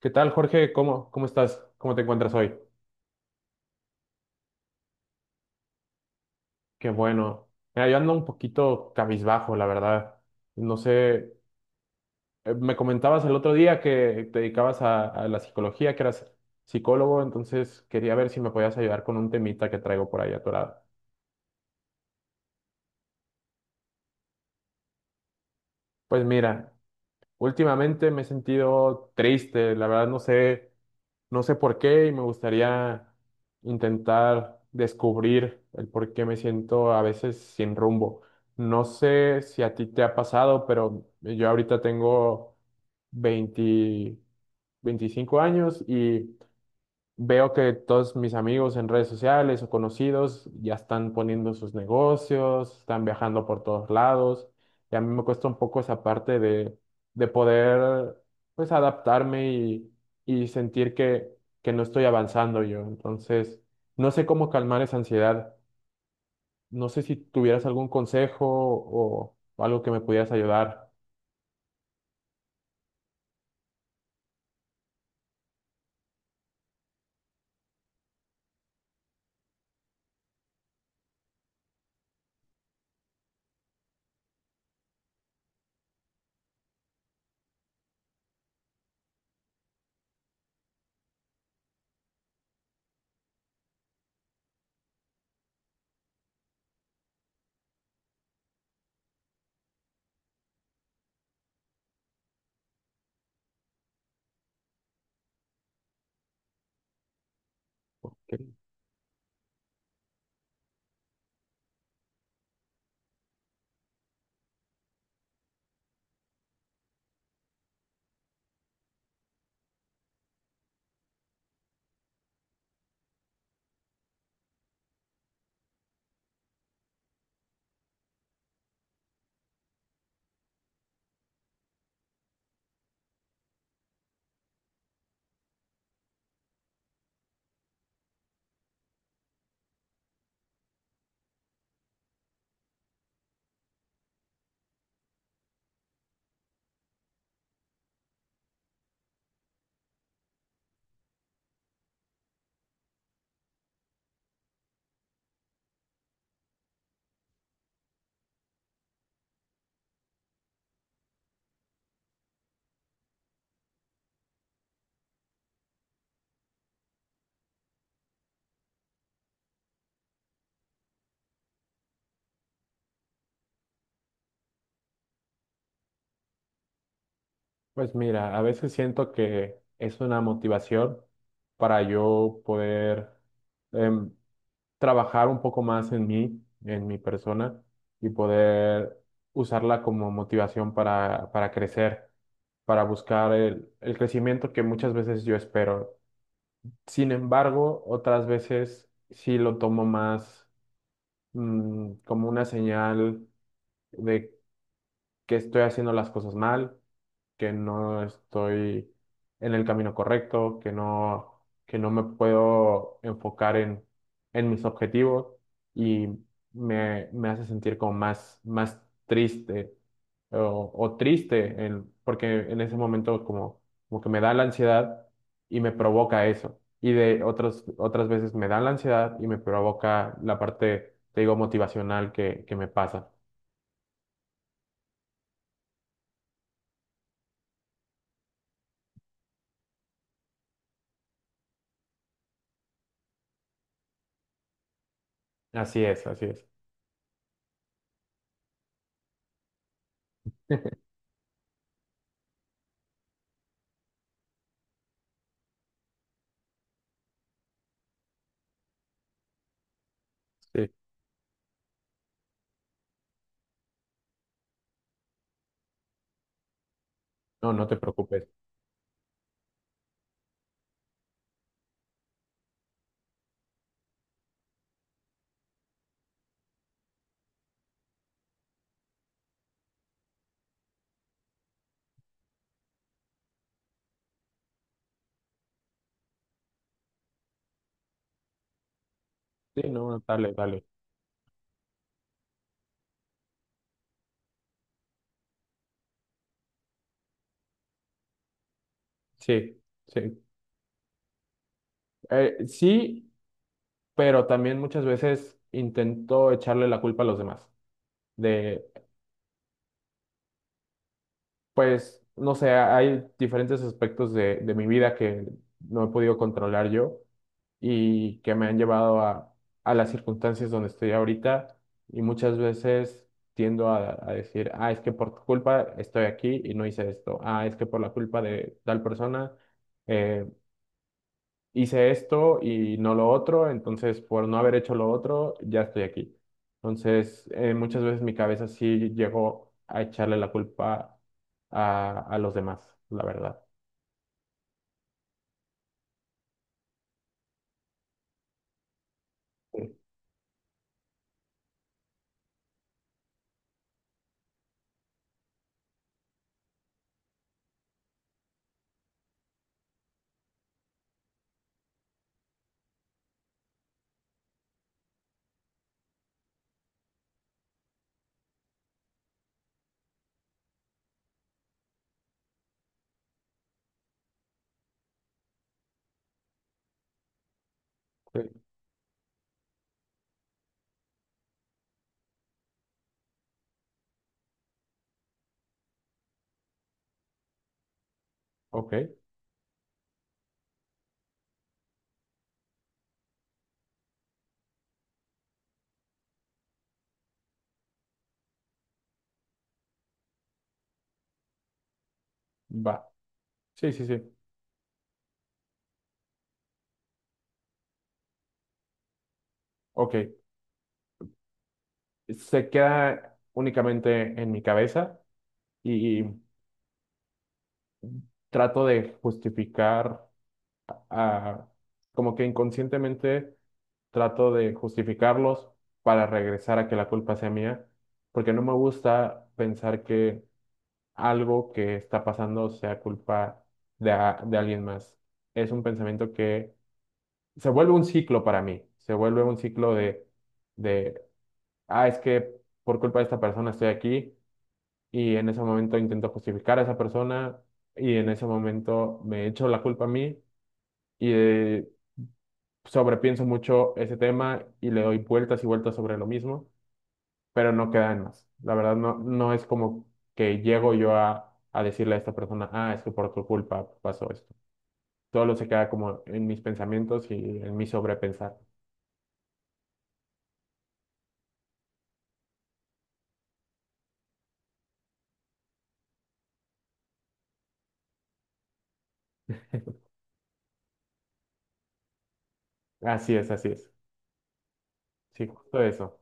¿Qué tal, Jorge? ¿Cómo estás? ¿Cómo te encuentras hoy? Qué bueno. Mira, yo ando un poquito cabizbajo, la verdad. No sé, me comentabas el otro día que te dedicabas a la psicología, que eras psicólogo, entonces quería ver si me podías ayudar con un temita que traigo por ahí atorado. Pues mira, últimamente me he sentido triste, la verdad no sé. No sé por qué y me gustaría intentar descubrir el por qué me siento a veces sin rumbo. No sé si a ti te ha pasado, pero yo ahorita tengo 20 25 años y veo que todos mis amigos en redes sociales o conocidos ya están poniendo sus negocios, están viajando por todos lados, y a mí me cuesta un poco esa parte de poder pues adaptarme y sentir que no estoy avanzando yo. Entonces, no sé cómo calmar esa ansiedad. No sé si tuvieras algún consejo o algo que me pudieras ayudar. Pues mira, a veces siento que es una motivación para yo poder em, trabajar un poco más en mí, en mi persona, y poder usarla como motivación para crecer, para buscar el crecimiento que muchas veces yo espero. Sin embargo, otras veces sí lo tomo más como una señal de que estoy haciendo las cosas mal, que no estoy en el camino correcto, que no me puedo enfocar en mis objetivos y me hace sentir como más triste o porque en ese momento como, como que me da la ansiedad y me provoca eso. Y de otras veces me da la ansiedad y me provoca la parte, te digo, motivacional que me pasa. Así es, así es. Sí. No, no te preocupes. Sí, no, no, dale, dale. Sí, sí. Sí, pero también muchas veces intento echarle la culpa a los demás. De, pues, no sé, hay diferentes aspectos de mi vida que no he podido controlar yo y que me han llevado a las circunstancias donde estoy ahorita. Y muchas veces tiendo a decir, ah, es que por tu culpa estoy aquí y no hice esto. Ah, es que por la culpa de tal persona. eh, hice esto y no lo otro, entonces por no haber hecho lo otro, ya estoy aquí. Entonces, muchas veces mi cabeza sí llegó a echarle la culpa a los demás, la verdad. Sí. Ok, va. Sí, sí, sí. Ok. Se queda únicamente en mi cabeza y trato de justificar a- como que inconscientemente trato de justificarlos para regresar a que la culpa sea mía, porque no me gusta pensar que algo que está pasando sea culpa de, de alguien más. Es un pensamiento que se vuelve un ciclo para mí, se vuelve un ciclo de, ah, es que por culpa de esta persona estoy aquí y en ese momento intento justificar a esa persona y en ese momento me echo la culpa a mí y sobrepienso mucho ese tema y le doy vueltas y vueltas sobre lo mismo. Pero no queda en más. La verdad, no, no es como que llego yo a decirle a esta persona, ah, es que por tu culpa pasó esto. Solo se queda como en mis pensamientos y en mi sobrepensar. Así es, así es. Sí, justo eso.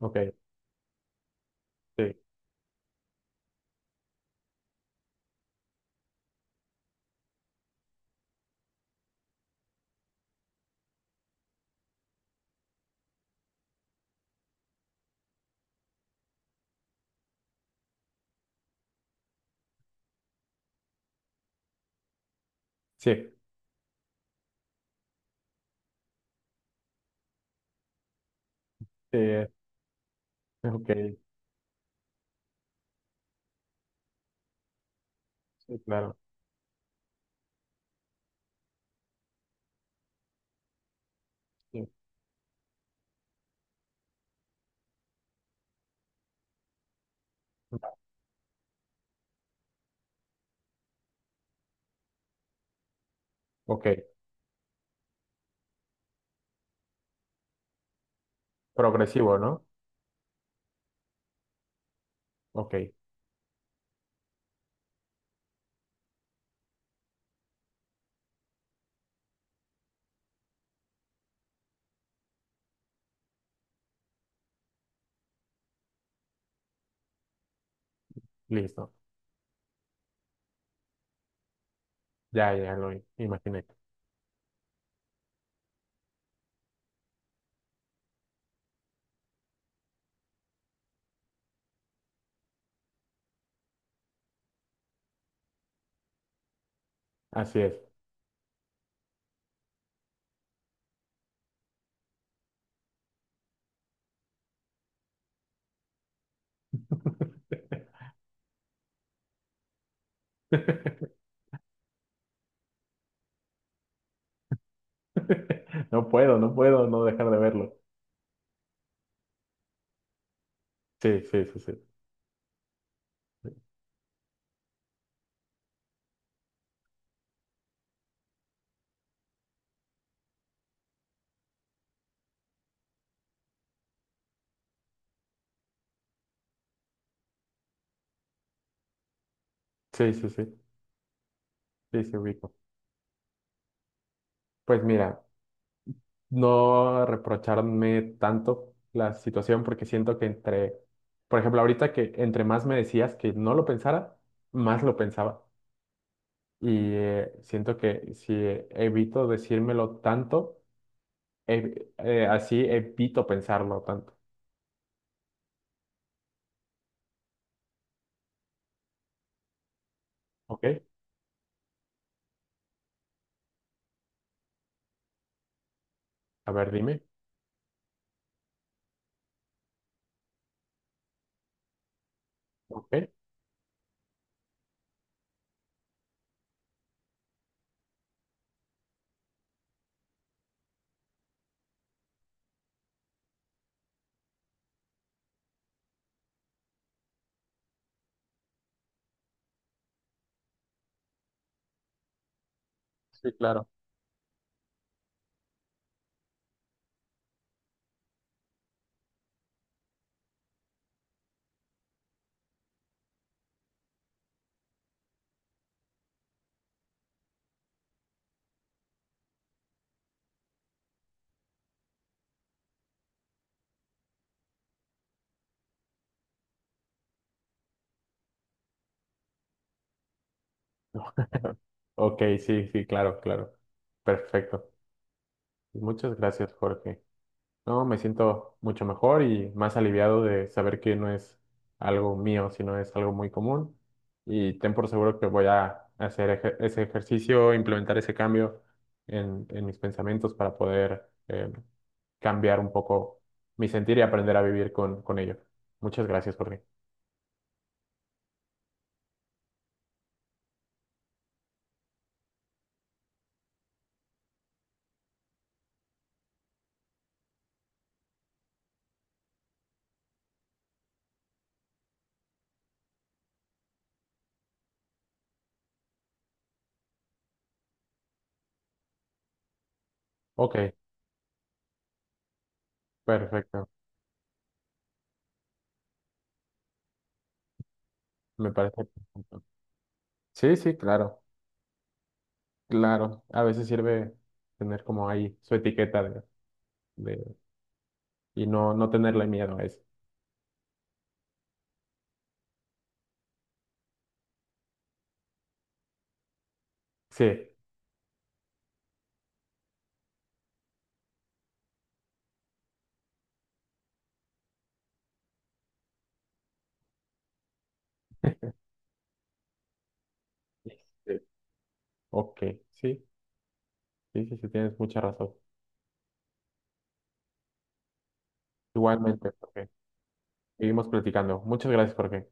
Ok, sí, sí, sí, ok, sí, claro. Sí. Ok, progresivo, ¿no? Ok, listo. Ya, ya lo imaginé. Así es. No puedo, no puedo no dejar de verlo. Sí, sí, sí, sí. Sí, sí, sí. Sí, sí, ubico. Pues mira, no reprocharme tanto la situación porque siento que entre, por ejemplo, ahorita que entre más me decías que no lo pensara, más lo pensaba. Y siento que si evito decírmelo tanto, así evito pensarlo tanto. ¿Ok? A ver, dime. ¿Ok? Sí, claro. Ok, sí, sí, claro, claro. Perfecto. Muchas gracias, Jorge. No, me siento mucho mejor y más aliviado de saber que no es algo mío, sino es algo muy común. Y ten por seguro que voy a hacer ese ejercicio, implementar ese cambio en mis pensamientos para poder cambiar un poco mi sentir y aprender a vivir con ello. Muchas gracias, Jorge. Ok, perfecto. Me parece. Perfecto. Sí, sí, claro, claro. A veces sirve tener como ahí su etiqueta de- y no, no tenerle miedo a eso. Sí. Sí. Ok, sí, sí, sí, sí, tienes mucha razón. Igualmente, Jorge. Seguimos platicando. Muchas gracias, Jorge.